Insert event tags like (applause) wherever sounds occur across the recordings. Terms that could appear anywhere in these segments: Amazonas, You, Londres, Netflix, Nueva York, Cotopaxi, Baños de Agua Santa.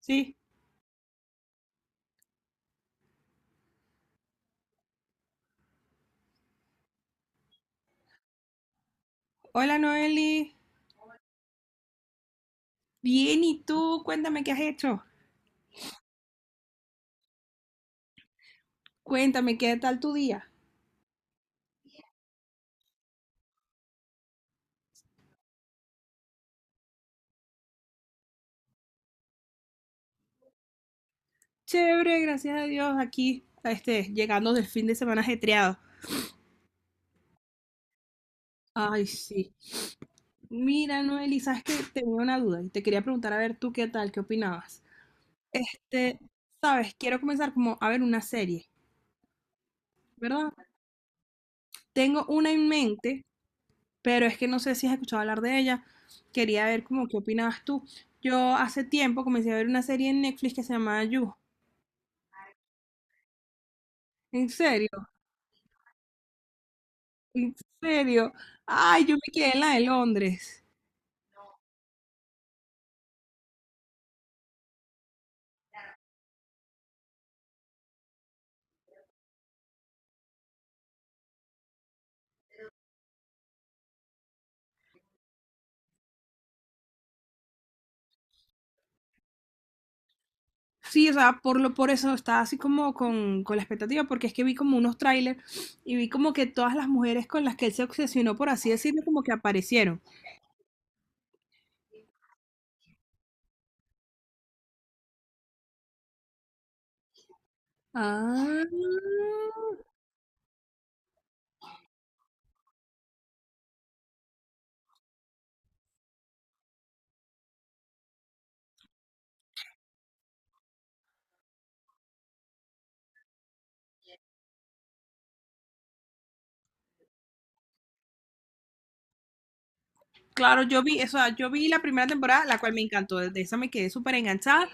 Sí. Hola Noeli. Bien, ¿y tú? Cuéntame qué has hecho. Cuéntame qué tal tu día. Chévere, gracias a Dios, aquí, llegando del fin de semana ajetreado. Ay, sí. Mira, Noeli, sabes que tenía una duda y te quería preguntar a ver tú qué tal, qué opinabas. Este, sabes, quiero comenzar como a ver una serie, ¿verdad? Tengo una en mente, pero es que no sé si has escuchado hablar de ella. Quería ver como qué opinabas tú. Yo hace tiempo comencé a ver una serie en Netflix que se llama You. ¿En serio? En serio. Ay, yo me quedé en la de Londres. Sí, o sea, por eso estaba así como con la expectativa, porque es que vi como unos trailers y vi como que todas las mujeres con las que él se obsesionó, por así decirlo, como que aparecieron. Ah, claro, yo vi, o sea, yo vi la primera temporada, la cual me encantó, de esa me quedé súper enganchada,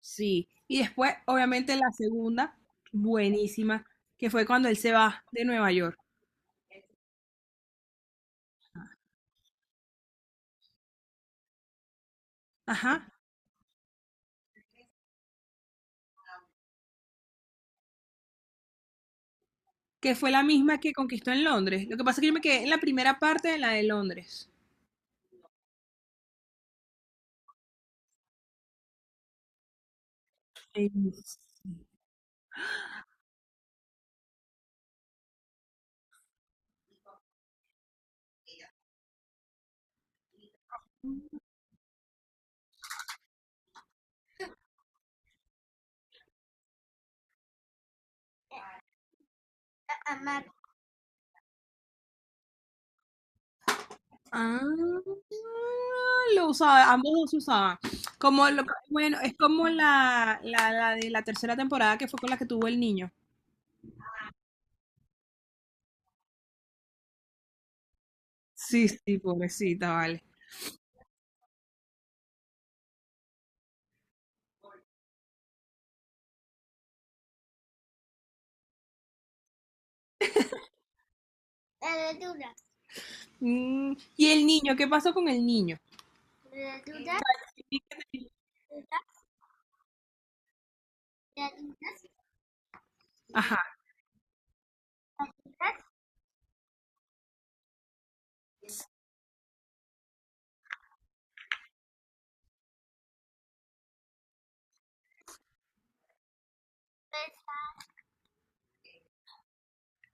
sí. Y después, obviamente, la segunda, buenísima, que fue cuando él se va de Nueva York. Ajá. Que fue la misma que conquistó en Londres. Lo que pasa es que yo me quedé en la primera parte de la de Londres. Sí. Ah, lo usaba, ambos dos se usaban. Como lo, bueno, es como la de la tercera temporada que fue con la que tuvo el niño. Sí, sí, pobrecita, vale. Mm, y el niño, ¿qué pasó con el niño? Ajá,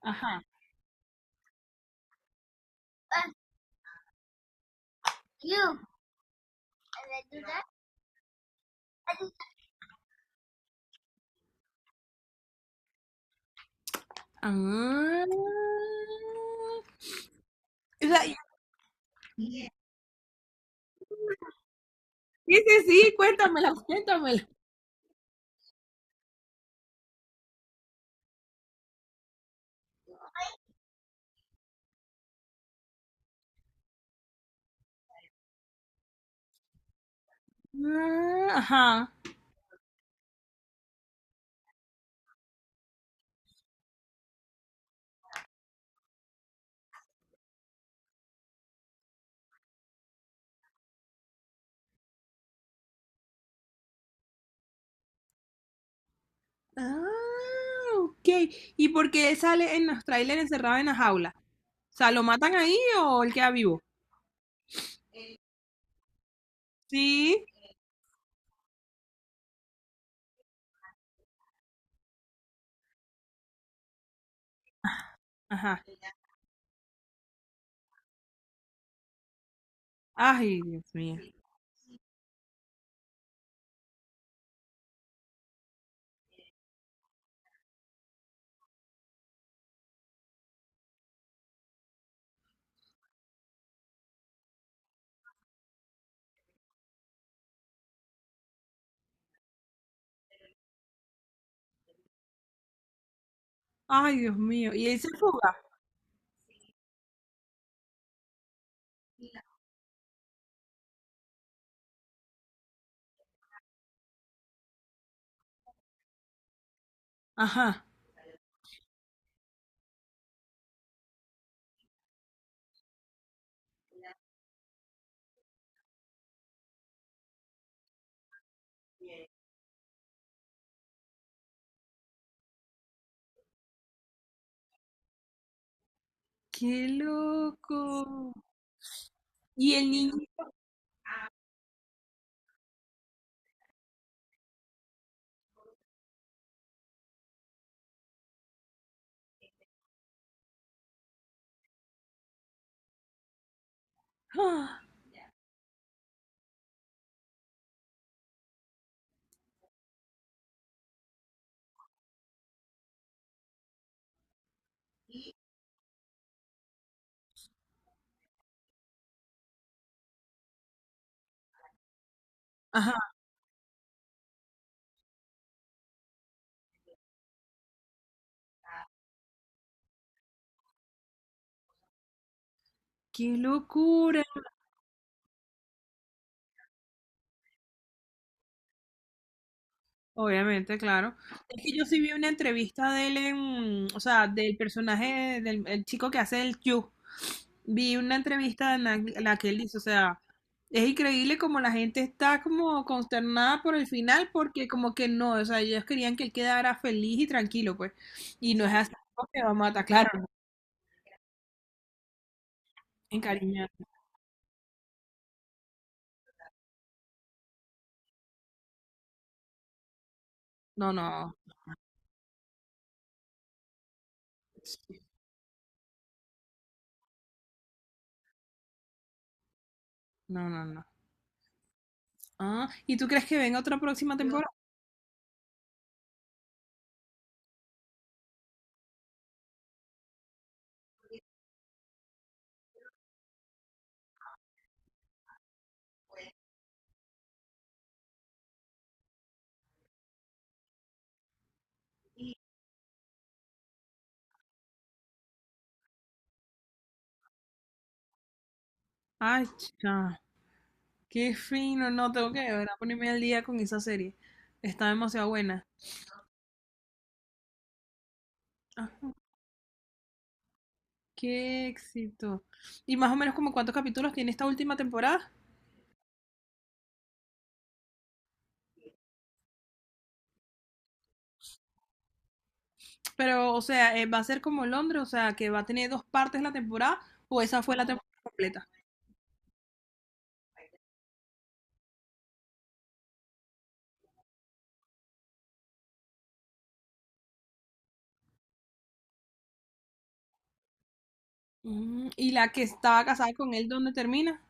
ajá. Ah. O sea, sí, sí, sí, cuéntamela, cuéntamela. Ah, ajá. Ah, ok. ¿Y por qué él sale en los trailers encerrado en la jaula? O sea, ¿lo matan ahí o él queda vivo? Sí. Ajá. Ay, Dios mío. Ay, Dios mío. Y él se fuga. Ajá. Qué loco. Y el niño. (gasps) ¡Ah! Ajá. Qué locura. Obviamente, claro. Es que yo sí vi una entrevista de él en, o sea, del personaje del el chico que hace el Q. Vi una entrevista en la, la que él dice, o sea, es increíble como la gente está como consternada por el final porque como que no, o sea, ellos querían que él quedara feliz y tranquilo, pues. Y no es así porque va a matar, claro, no, encariñar. No, no, sí, no, no, no. Ah, ¿y tú crees que venga otra próxima temporada? Ay, chica, qué fino, no, tengo que de verdad ponerme al día con esa serie. Está demasiado buena. Ah, qué éxito. ¿Y más o menos como cuántos capítulos tiene esta última temporada? Pero, o sea, ¿va a ser como Londres? O sea, ¿que va a tener dos partes la temporada o esa fue la temporada completa? Mm, ¿y la que estaba casada con él, dónde termina?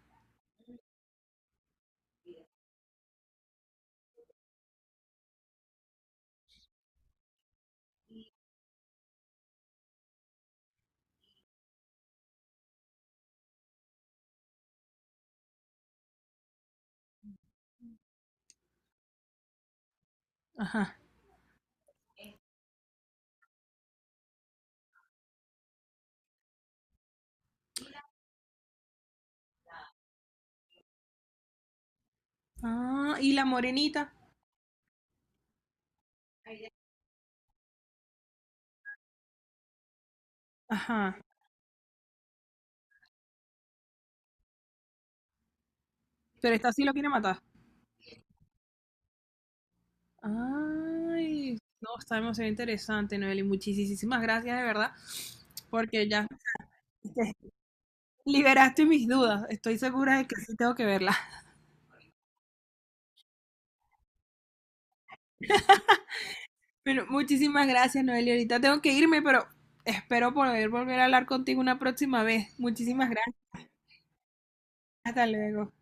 Ajá. Ah, ¿y la morenita? Ajá. Pero esta sí lo quiere matar. Ay, no, está demasiado interesante, Noeli. Muchísimas gracias, de verdad, porque ya este, liberaste mis dudas. Estoy segura de que sí tengo que verla. Bueno, muchísimas gracias, Noeli. Ahorita tengo que irme, pero espero poder volver a hablar contigo una próxima vez. Muchísimas gracias. Hasta luego.